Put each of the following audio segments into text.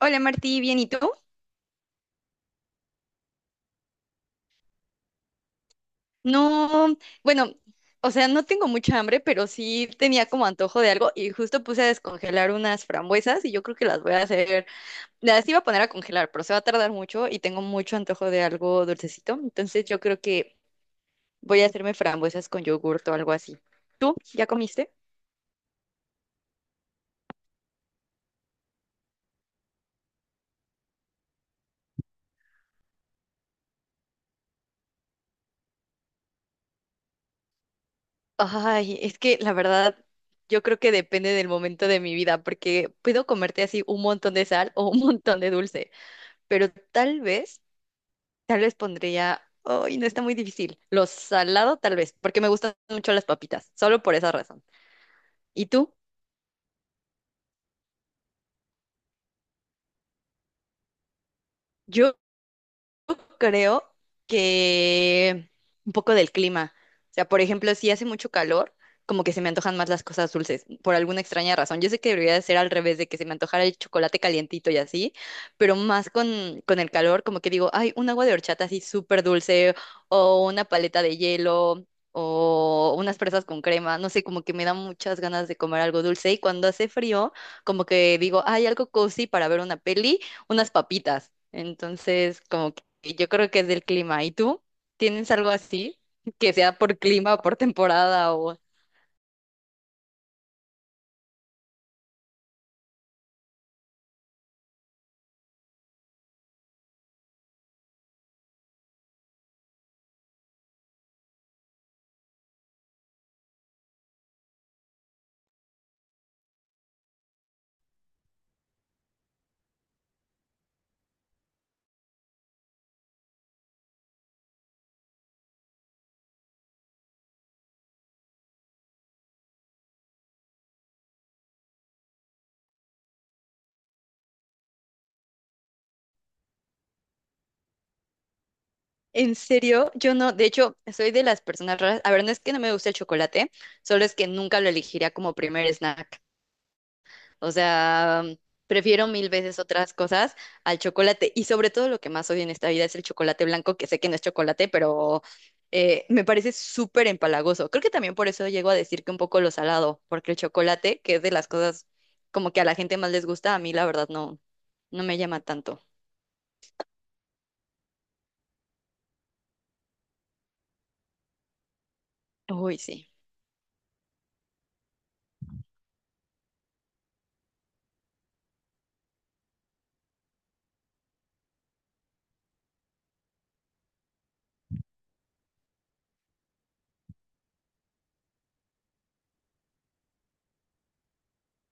Hola Martí, bien, ¿y tú? No, bueno, o sea, no tengo mucha hambre, pero sí tenía como antojo de algo y justo puse a descongelar unas frambuesas y yo creo que las voy a hacer, las iba a poner a congelar, pero se va a tardar mucho y tengo mucho antojo de algo dulcecito, entonces yo creo que voy a hacerme frambuesas con yogurt o algo así. ¿Tú ya comiste? Ay, es que la verdad, yo creo que depende del momento de mi vida, porque puedo comerte así un montón de sal o un montón de dulce, pero tal vez pondría, ay, no está muy difícil. Lo salado, tal vez, porque me gustan mucho las papitas, solo por esa razón. ¿Y tú? Yo creo que un poco del clima. O sea, por ejemplo, si hace mucho calor, como que se me antojan más las cosas dulces, por alguna extraña razón. Yo sé que debería de ser al revés, de que se me antojara el chocolate calientito y así, pero más con el calor, como que digo, ay, un agua de horchata así súper dulce, o una paleta de hielo, o unas fresas con crema, no sé, como que me dan muchas ganas de comer algo dulce. Y cuando hace frío, como que digo, ay, algo cozy para ver una peli, unas papitas. Entonces, como y Yo creo que es del clima. ¿Y tú? ¿Tienes algo así? Que sea por clima o por temporada o... En serio, yo no, de hecho, soy de las personas raras. A ver, no es que no me guste el chocolate, solo es que nunca lo elegiría como primer snack. O sea, prefiero mil veces otras cosas al chocolate. Y sobre todo lo que más odio en esta vida es el chocolate blanco, que sé que no es chocolate, pero me parece súper empalagoso. Creo que también por eso llego a decir que un poco lo salado, porque el chocolate, que es de las cosas como que a la gente más les gusta, a mí la verdad no, no me llama tanto. Uy, sí.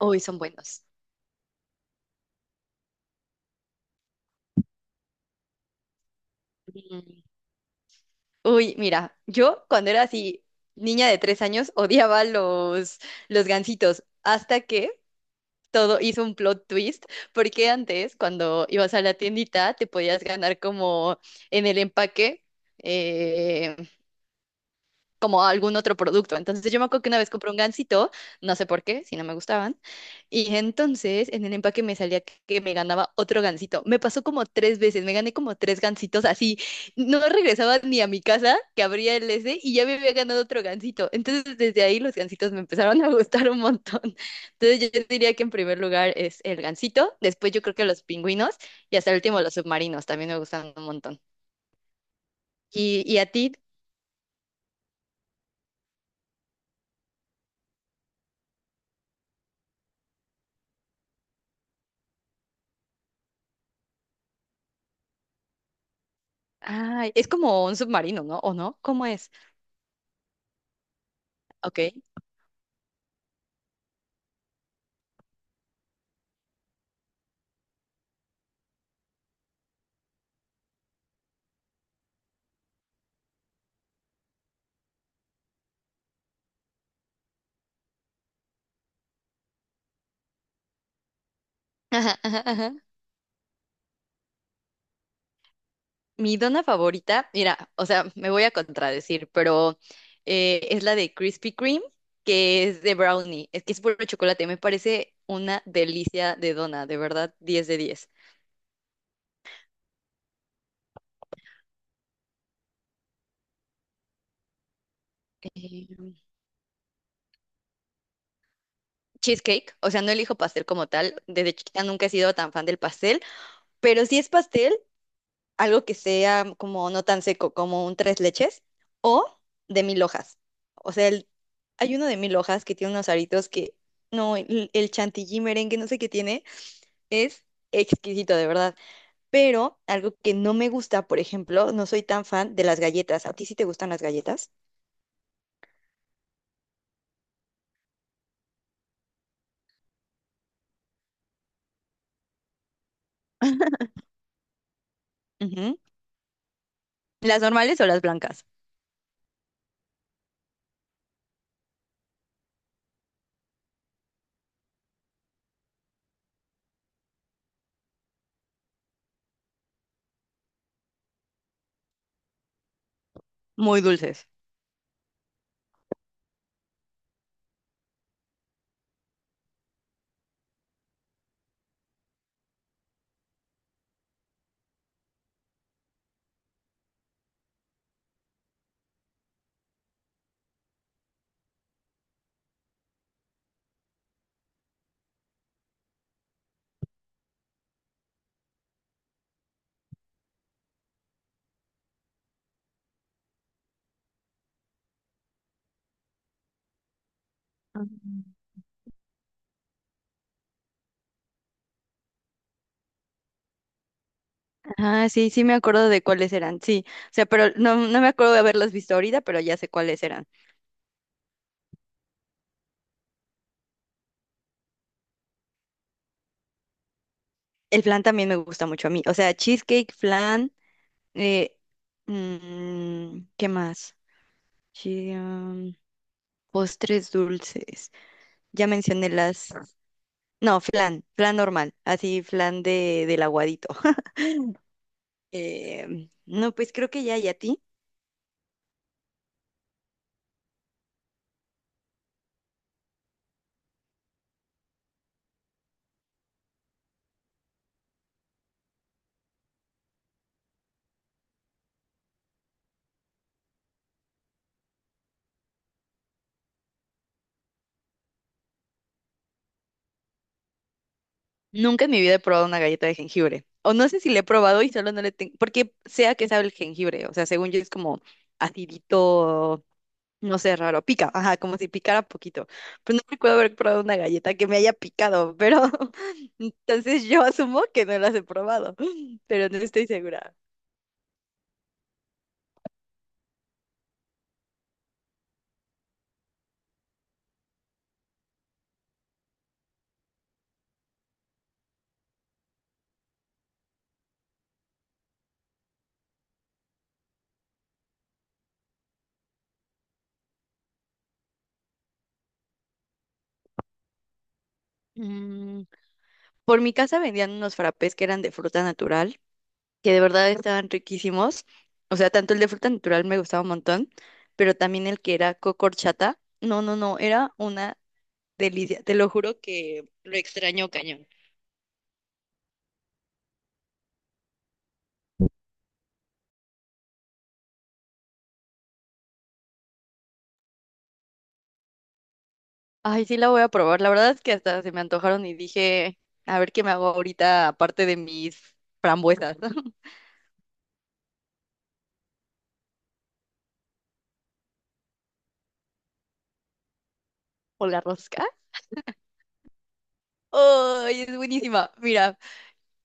Uy, son buenos. Mm, uy, mira, yo cuando era así, niña de 3 años, odiaba los gansitos, hasta que todo hizo un plot twist, porque antes cuando ibas a la tiendita te podías ganar como en el empaque eh, como algún otro producto. Entonces yo me acuerdo que una vez compré un gansito, no sé por qué, si no me gustaban, y entonces en el empaque me salía que me ganaba otro gansito. Me pasó como 3 veces, me gané como tres gansitos así. No regresaba ni a mi casa, que abría el ese, y ya me había ganado otro gansito. Entonces desde ahí los gansitos me empezaron a gustar un montón. Entonces yo diría que en primer lugar es el gansito, después yo creo que los pingüinos y hasta el último los submarinos también me gustan un montón. ¿Y a ti? Ah, es como un submarino, ¿no? ¿O no? ¿Cómo es? Ok. Ajá, ajá, ajá. Mi dona favorita, mira, o sea, me voy a contradecir, pero es la de Krispy Kreme, que es de brownie. Es que es puro chocolate. Me parece una delicia de dona, de verdad, 10 de 10. Eh, Cheesecake, o sea, no elijo pastel como tal. Desde chiquita nunca he sido tan fan del pastel, pero si es pastel, algo que sea como no tan seco, como un tres leches o de mil hojas. O sea, hay uno de mil hojas que tiene unos aritos que, no, el chantilly merengue, no sé qué tiene, es exquisito, de verdad. Pero algo que no me gusta, por ejemplo, no soy tan fan de las galletas. ¿A ti sí te gustan las galletas? Ujú. ¿Las normales o las blancas? Muy dulces. Ah, sí, sí me acuerdo de cuáles eran, sí. O sea, pero no, no me acuerdo de haberlas visto ahorita, pero ya sé cuáles eran. El flan también me gusta mucho a mí. O sea, cheesecake, flan, eh, ¿qué más? Chi- um, Postres dulces. Ya mencioné las... No, flan, flan normal, así flan del aguadito. No, pues creo que ya, ¿y a ti? Nunca en mi vida he probado una galleta de jengibre. O no sé si le he probado y solo no le tengo... Porque sea que sabe el jengibre, o sea, según yo es como acidito. No sé, raro, pica, ajá, como si picara poquito. Pues no recuerdo haber probado una galleta que me haya picado, pero entonces yo asumo que no las he probado, pero no estoy segura. Mm, por mi casa vendían unos frappés que eran de fruta natural, que de verdad estaban riquísimos. O sea, tanto el de fruta natural me gustaba un montón, pero también el que era cocorchata. No, no, no, era una delicia. Te lo juro que lo extraño cañón. Ay, sí la voy a probar. La verdad es que hasta se me antojaron y dije, a ver qué me hago ahorita aparte de mis frambuesas. O la rosca. Ay, es buenísima. Mira,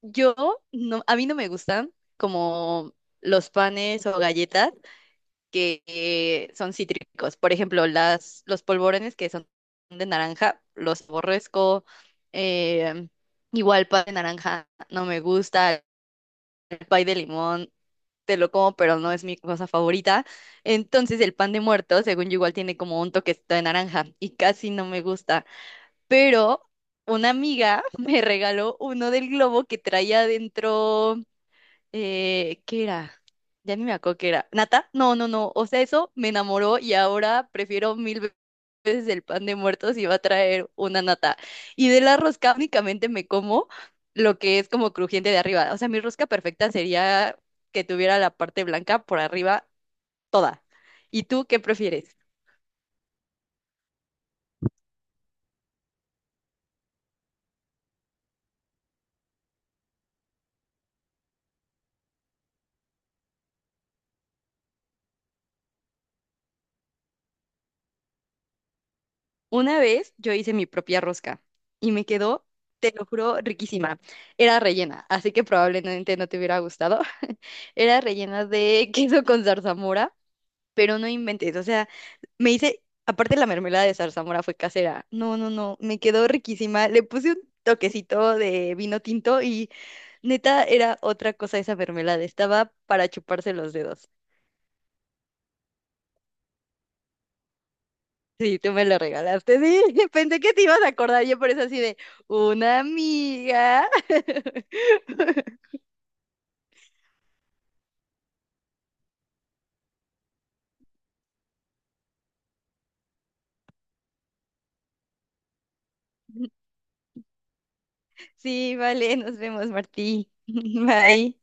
yo no, a mí no me gustan como los panes o galletas que son cítricos. Por ejemplo, las, los polvorones que son de naranja, los aborrezco. Eh, igual pay de naranja no me gusta, el pay de limón te lo como, pero no es mi cosa favorita. Entonces el pan de muerto, según yo, igual tiene como un toquecito de naranja y casi no me gusta. Pero una amiga me regaló uno del globo que traía adentro ¿qué era? Ya ni me acuerdo qué era. ¿Nata? No, no, no. O sea, eso me enamoró y ahora prefiero mil veces el pan de muertos y va a traer una nata. Y de la rosca únicamente me como lo que es como crujiente de arriba. O sea, mi rosca perfecta sería que tuviera la parte blanca por arriba toda. ¿Y tú qué prefieres? Una vez yo hice mi propia rosca y me quedó, te lo juro, riquísima. Era rellena, así que probablemente no te hubiera gustado. Era rellena de queso con zarzamora, pero no inventes, o sea, me hice, aparte la mermelada de zarzamora fue casera. No, no, no, me quedó riquísima. Le puse un toquecito de vino tinto y neta era otra cosa esa mermelada, estaba para chuparse los dedos. Sí, tú me lo regalaste, sí. Pensé que te ibas a acordar, yo por eso así de una amiga. Sí, vale, nos vemos, Martí. Bye.